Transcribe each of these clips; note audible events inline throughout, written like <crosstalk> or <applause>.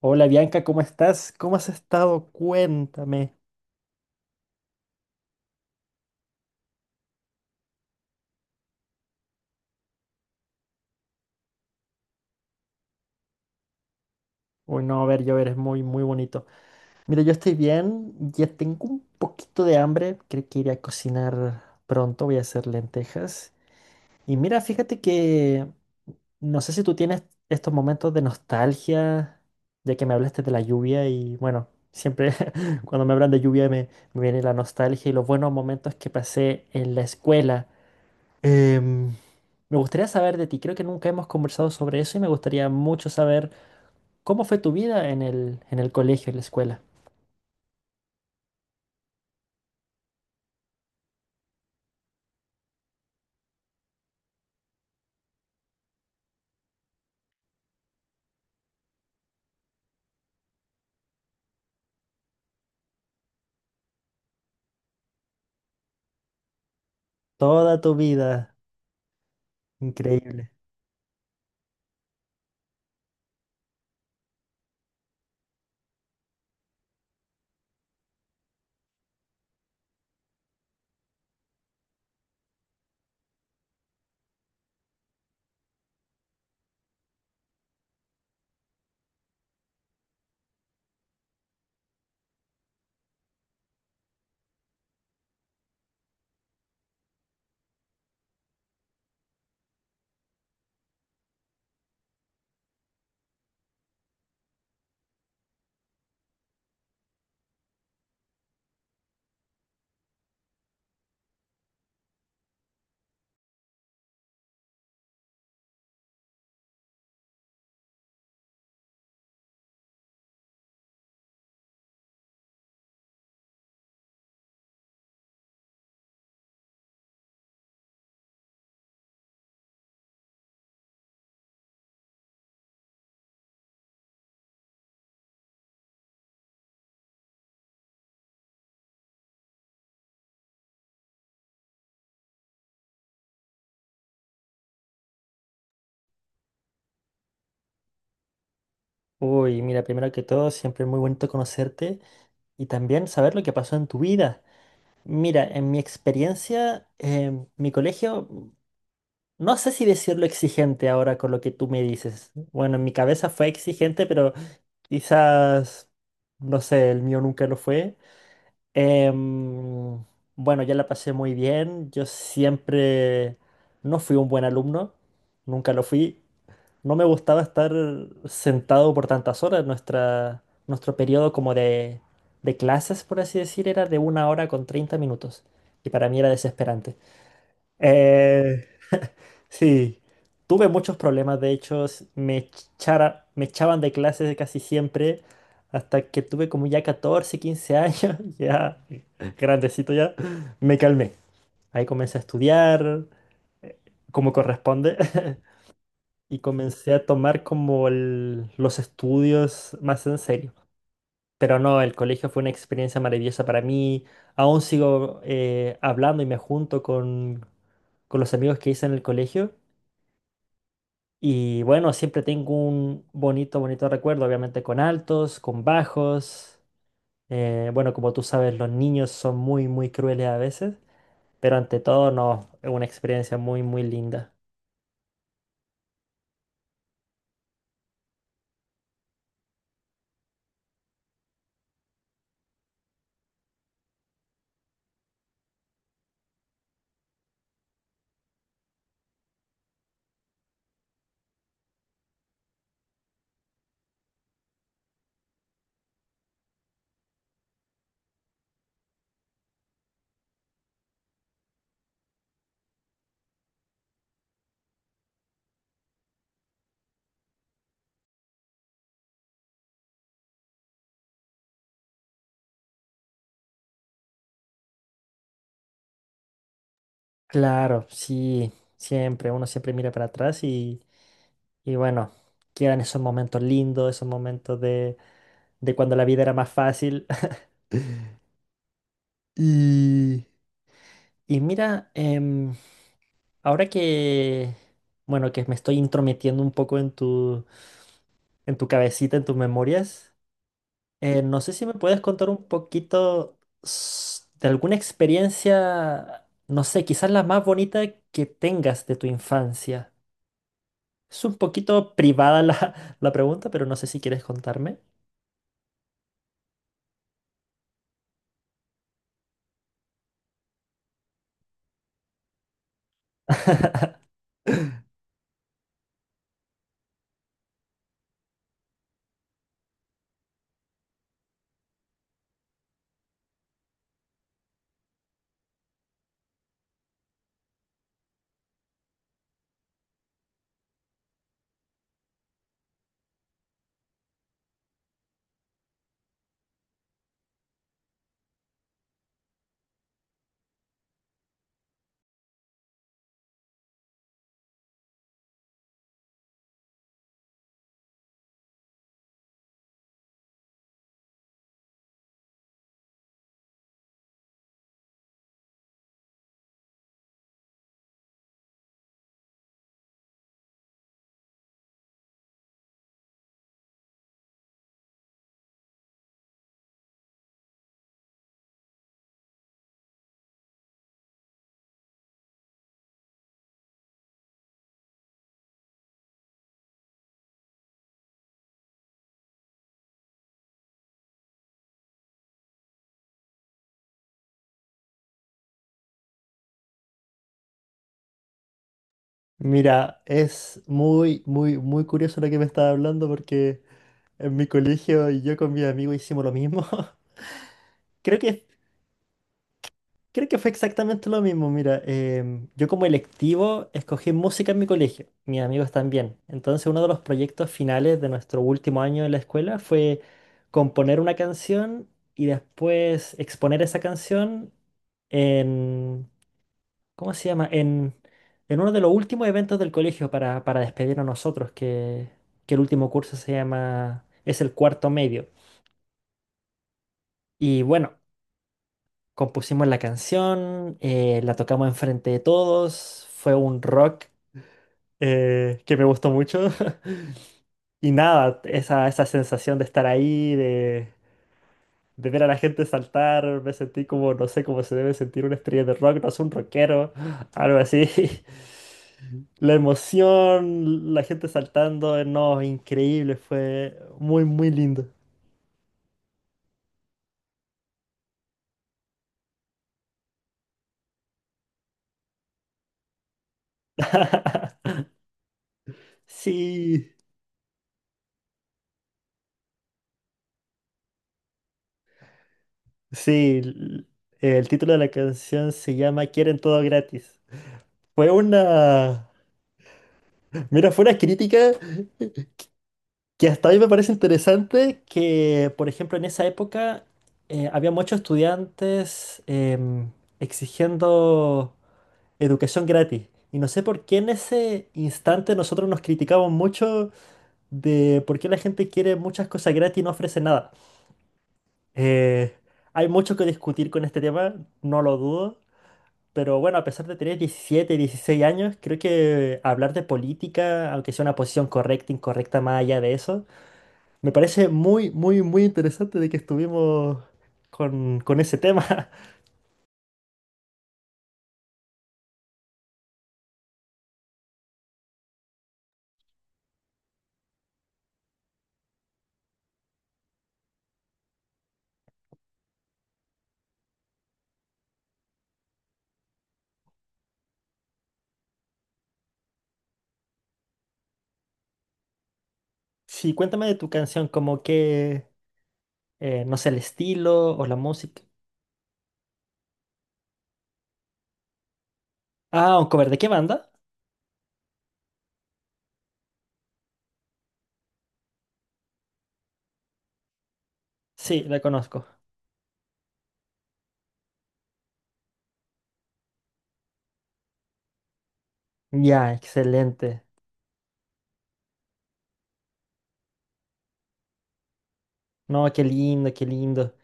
Hola Bianca, ¿cómo estás? ¿Cómo has estado? Cuéntame. Uy, no, a ver, yo eres muy, muy bonito. Mira, yo estoy bien, ya tengo un poquito de hambre, creo que iré a cocinar pronto, voy a hacer lentejas. Y mira, fíjate que no sé si tú tienes estos momentos de nostalgia, ya que me hablaste de la lluvia y bueno, siempre <laughs> cuando me hablan de me viene la nostalgia y los buenos momentos que pasé en la escuela. Em, Me gustaría saber de ti, creo que nunca hemos conversado sobre eso y me gustaría mucho saber cómo fue tu vida en el colegio, en la escuela. Toda tu vida, increíble. Uy, mira, primero que todo, siempre muy bonito conocerte y también saber lo que pasó en tu vida. Mira, en mi experiencia, mi colegio, no sé si decirlo exigente ahora con lo que tú me dices. Bueno, en mi cabeza fue exigente, pero quizás, no sé, el mío nunca lo fue. Em, bueno, ya la pasé muy bien. Yo siempre no fui un buen alumno, nunca lo fui. No me gustaba estar sentado por tantas horas. Nuestro periodo como de clases, por así decir, era de 1 hora con 30 minutos. Y para mí era desesperante. Eh, <laughs> sí, tuve muchos problemas, de hecho, me echaban de clases casi siempre, hasta que tuve como ya 14, 15 años, <laughs> ya grandecito ya, me calmé. Ahí comencé a estudiar eh, como corresponde <laughs> y comencé a tomar como los estudios más en serio. Pero no, el colegio fue una experiencia maravillosa para mí. Aún sigo hablando y me junto con los amigos que hice en el colegio. Y bueno, siempre tengo un bonito, bonito recuerdo, obviamente con altos, con bajos. Bueno, como tú sabes, los niños son muy, muy crueles a veces. Pero ante todo, no, es una experiencia muy, muy linda. Claro, sí, siempre, uno siempre mira para atrás y bueno, quedan esos momentos lindos, esos momentos de cuando la vida era más fácil. <laughs> Y, y mira, ahora que, bueno, que me estoy intrometiendo un poco en tu cabecita, en tus memorias. No sé si me puedes contar un poquito de alguna experiencia, no sé, quizás la más bonita que tengas de tu infancia. Es un poquito privada la, <laughs> la pregunta, pero no sé si quieres contarme. Mira, es muy, muy, muy curioso lo que me estás hablando porque en mi colegio y yo con mi amigo hicimos lo mismo. <laughs> Creo que Creo que fue exactamente lo mismo. Mira, yo como electivo escogí música en mi colegio, mis amigos también. Entonces uno de los proyectos finales de nuestro último año en la escuela fue componer una canción y después exponer esa canción en, ¿cómo se llama? En uno de los últimos eventos del colegio para despedir a nosotros, que el último curso se llama, es el cuarto medio. Y bueno, compusimos la canción, la tocamos enfrente de todos, fue un rock que me gustó mucho. <laughs> Y nada, esa sensación de estar ahí, de ver a la gente saltar, me sentí como, no sé, cómo se debe sentir una estrella de rock, no es un rockero, algo así. <laughs> La emoción, la gente saltando, no, increíble, fue muy, muy lindo. <laughs> Sí. Sí, el título de la canción se llama Quieren todo gratis. Fue una, mira, fue una crítica que hasta a mí me parece interesante que, por ejemplo, en esa época había muchos estudiantes exigiendo educación gratis. Y no sé por qué en ese instante nosotros nos criticamos mucho de por qué la gente quiere muchas cosas gratis y no ofrece nada. Eh, hay mucho que discutir con este tema, no lo dudo. Pero bueno, a pesar de tener 17, 16 años, creo que hablar de política, aunque sea una posición correcta, incorrecta, más allá de eso, me parece muy, muy, muy interesante de que estuvimos con ese tema. <laughs> Sí, cuéntame de tu canción, como que, no sé, el estilo o la música. Ah, un cover, ¿de qué banda? Sí, la conozco. Ya, excelente. No, qué lindo, qué lindo.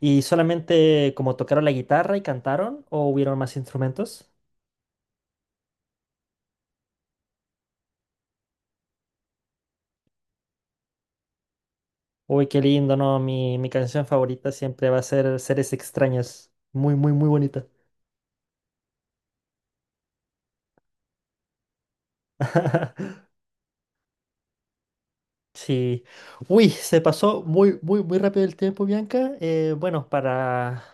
¿Y solamente como tocaron la guitarra y cantaron o hubieron más instrumentos? Uy, qué lindo, ¿no? Mi canción favorita siempre va a ser Seres Extraños. Muy, muy, muy bonita. <laughs> Sí. Uy, se pasó muy, muy, muy rápido el tiempo, Bianca. Bueno, para,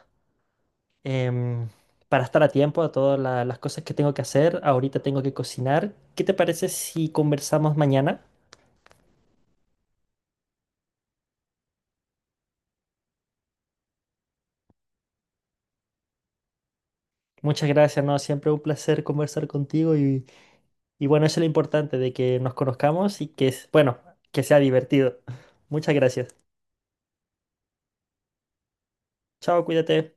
em, para estar a tiempo a todas las cosas que tengo que hacer, ahorita tengo que cocinar. ¿Qué te parece si conversamos mañana? Muchas gracias, ¿no? Siempre un placer conversar contigo y bueno, eso es lo importante, de que nos conozcamos y que, bueno, que sea divertido. Muchas gracias. Chao, cuídate.